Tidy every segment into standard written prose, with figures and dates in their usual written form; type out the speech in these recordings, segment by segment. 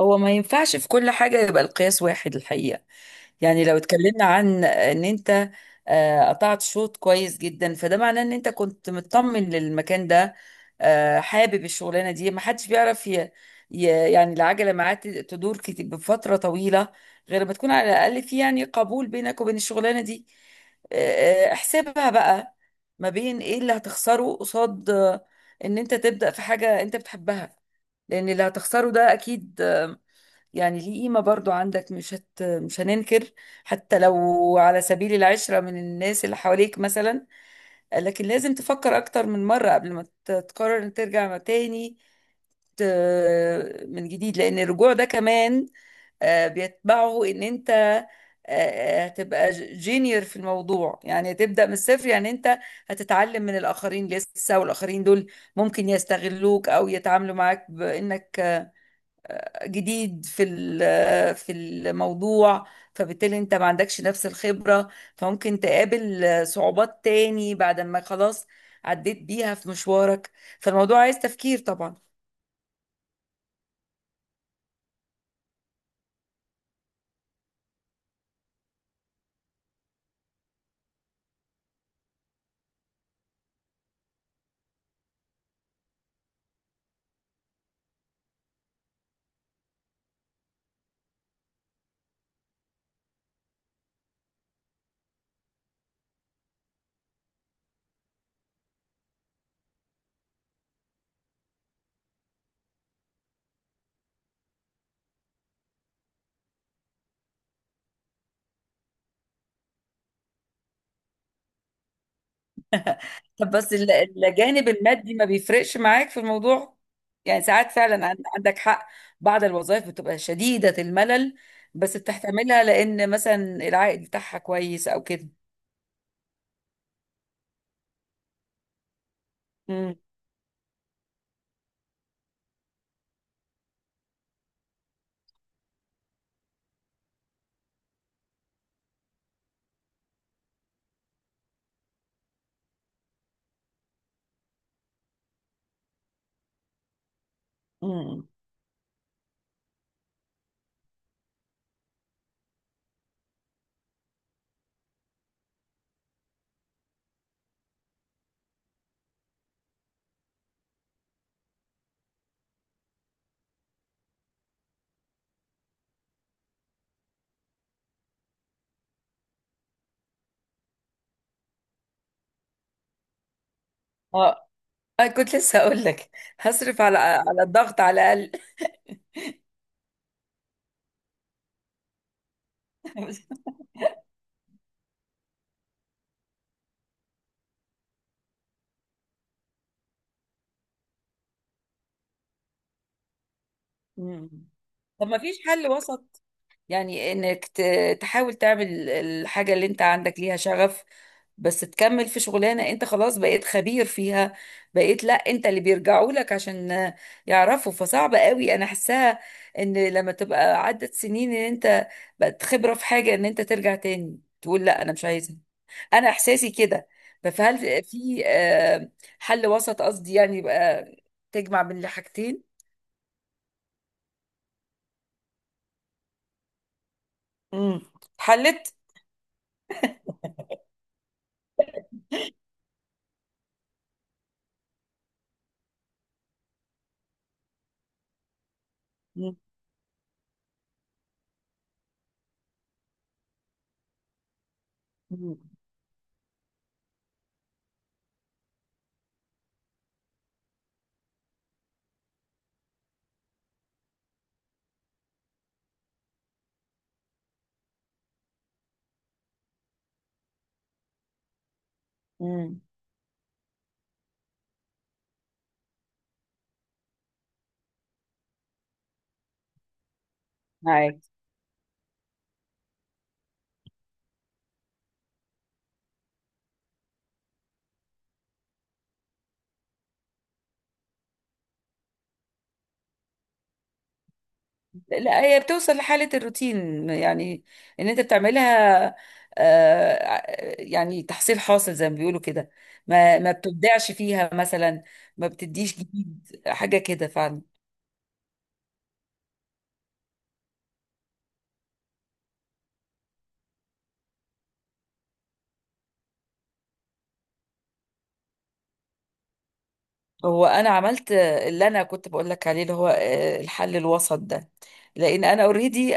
هو ما ينفعش في كل حاجة يبقى القياس واحد الحقيقة. يعني لو اتكلمنا عن ان انت قطعت شوط كويس جدا، فده معناه ان انت كنت مطمن للمكان ده، حابب الشغلانة دي، ما حدش بيعرف ي... يعني العجلة معاه تدور بفترة طويلة، غير ما تكون على الأقل في يعني قبول بينك وبين الشغلانة دي. احسبها بقى ما بين ايه اللي هتخسره قصاد ان انت تبدأ في حاجة انت بتحبها. لان اللي هتخسره ده اكيد يعني ليه قيمة برضو عندك، مش هننكر، حتى لو على سبيل العشرة من الناس اللي حواليك مثلا. لكن لازم تفكر أكتر من مرة قبل ما تقرر إن ترجع تاني ت... من جديد، لأن الرجوع ده كمان بيتبعه إن أنت هتبقى جينيور في الموضوع. يعني هتبدأ من الصفر، يعني أنت هتتعلم من الآخرين لسه، والآخرين دول ممكن يستغلوك أو يتعاملوا معاك بإنك جديد في الموضوع، فبالتالي انت ما عندكش نفس الخبرة، فممكن تقابل صعوبات تاني بعد ما خلاص عديت بيها في مشوارك. فالموضوع عايز تفكير طبعا. طب بس الجانب المادي ما بيفرقش معاك في الموضوع؟ يعني ساعات فعلا عندك حق، بعض الوظائف بتبقى شديدة الملل، بس بتحتملها لأن مثلا العائد بتاعها كويس أو كده. مم. مم. اه، أنا كنت لسه أقول لك هصرف على الضغط على الأقل. مم. طب ما فيش حل وسط؟ يعني انك تحاول تعمل الحاجة اللي انت عندك ليها شغف، بس تكمل في شغلانة انت خلاص بقيت خبير فيها، بقيت لا، انت اللي بيرجعوا لك عشان يعرفوا. فصعب قوي انا حاساها، ان لما تبقى عدت سنين ان انت بقت خبرة في حاجة، ان انت ترجع تاني تقول لا انا مش عايزها. انا احساسي كده. فهل في حل وسط، قصدي يعني يبقى تجمع بين الحاجتين؟ امم حلت. مم. مم. مم. معاك. لا، هي بتوصل لحالة الروتين، يعني ان انت بتعملها، آه ع- يعني تحصيل حاصل زي ما بيقولوا كده، ما بتبدعش فيها مثلا، ما بتديش جديد حاجة كده فعلا. هو انا عملت اللي انا كنت بقول لك عليه اللي هو الحل الوسط ده. لان انا اوريدي،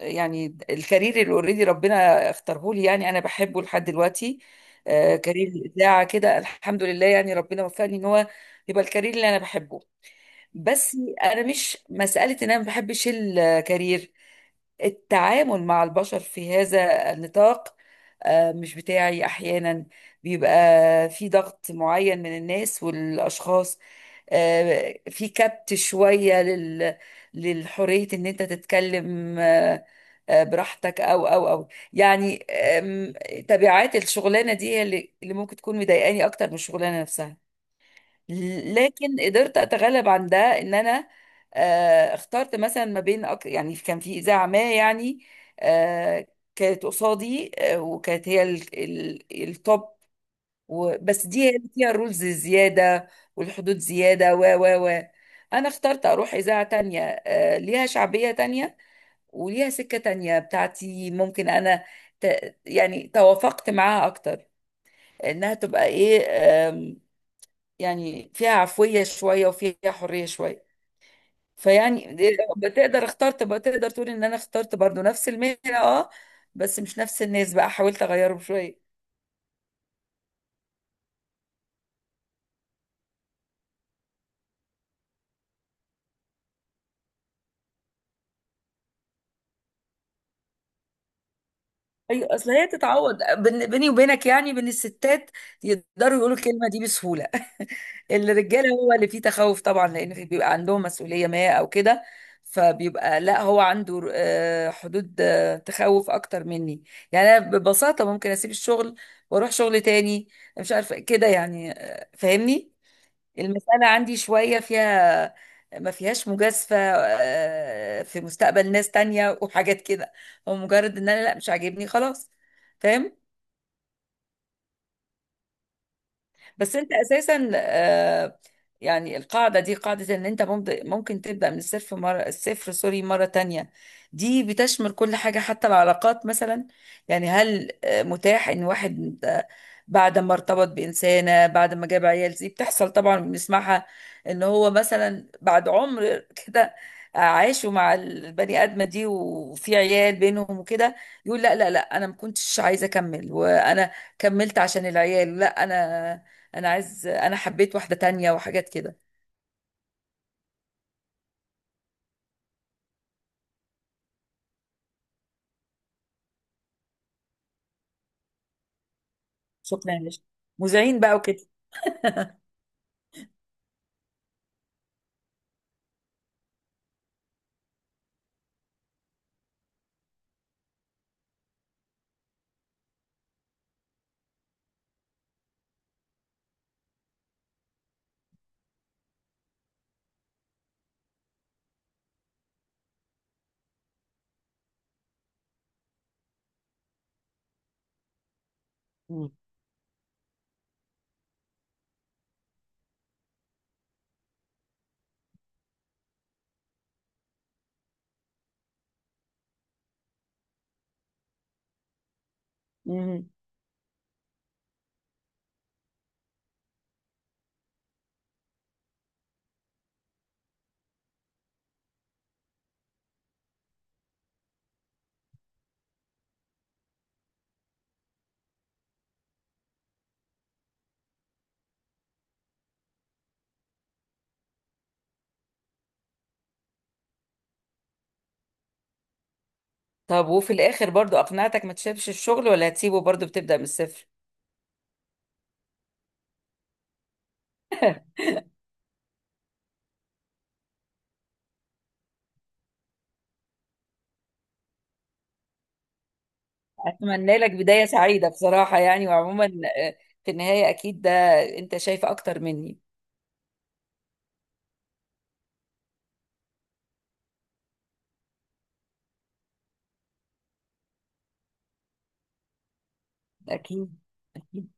يعني الكارير اللي اوريدي ربنا اختاره لي، يعني انا بحبه لحد دلوقتي. كارير الاذاعه كده، الحمد لله، يعني ربنا وفقني ان هو يبقى الكارير اللي انا بحبه. بس انا مش مساله ان انا ما بحبش الكارير، التعامل مع البشر في هذا النطاق مش بتاعي احيانا. بيبقى في ضغط معين من الناس والاشخاص، في كبت شوية للحرية ان انت تتكلم براحتك، او يعني، تبعات الشغلانة دي هي اللي ممكن تكون مضايقاني اكتر من الشغلانة نفسها. لكن قدرت اتغلب عن ده، ان انا اخترت مثلا ما بين يعني كان في اذاعه ما، يعني آه، كانت قصادي وكانت هي التوب، بس دي هي اللي فيها الرولز زياده والحدود زياده و انا اخترت اروح اذاعه تانية، ليها شعبيه تانية، وليها سكه تانية بتاعتي، ممكن انا يعني توافقت معاها اكتر، انها تبقى ايه؟ يعني فيها عفوية شوية وفيها حرية شوية. فيعني بتقدر اختار، تبقى تقدر تقول ان انا اخترت برضو نفس المهنة اه، بس مش نفس الناس بقى، حاولت اغيرهم شوية. ايوه، اصل هي تتعوض، بيني وبينك يعني، بين الستات يقدروا يقولوا الكلمة دي بسهولة. الرجاله هو اللي فيه تخوف طبعا، لان بيبقى عندهم مسؤوليه ما او كده، فبيبقى لا، هو عنده حدود، تخوف اكتر مني. يعني انا ببساطه ممكن اسيب الشغل واروح شغل تاني، مش عارفه كده، يعني فاهمني. المساله عندي شويه فيها، ما فيهاش مجازفه في مستقبل ناس تانية وحاجات كده، هو مجرد ان انا لا، مش عاجبني خلاص. فاهم؟ بس انت اساسا يعني القاعده دي قاعده ان انت ممكن تبدا من الصفر، مره الصفر، سوري، مره تانية. دي بتشمل كل حاجه، حتى العلاقات مثلا. يعني هل متاح ان واحد بعد ما ارتبط بانسانه، بعد ما جاب عيال، دي بتحصل طبعا، بنسمعها، ان هو مثلا بعد عمر كده عاشوا مع البني ادمه دي وفي عيال بينهم وكده، يقول لا لا لا، انا ما كنتش عايزه اكمل، وانا كملت عشان العيال، لا، انا عايز، انا حبيت واحده تانية وحاجات كده. شكرا يا باشا، مذيعين بقى وكده. مم. مم. طب وفي الاخر برضو اقنعتك ما تسيبش الشغل، ولا هتسيبه برضو بتبدا من الصفر؟ اتمنى لك بدايه سعيده بصراحه يعني، وعموما آه، في النهايه اكيد ده انت شايف اكتر مني. اكيد. أكيد.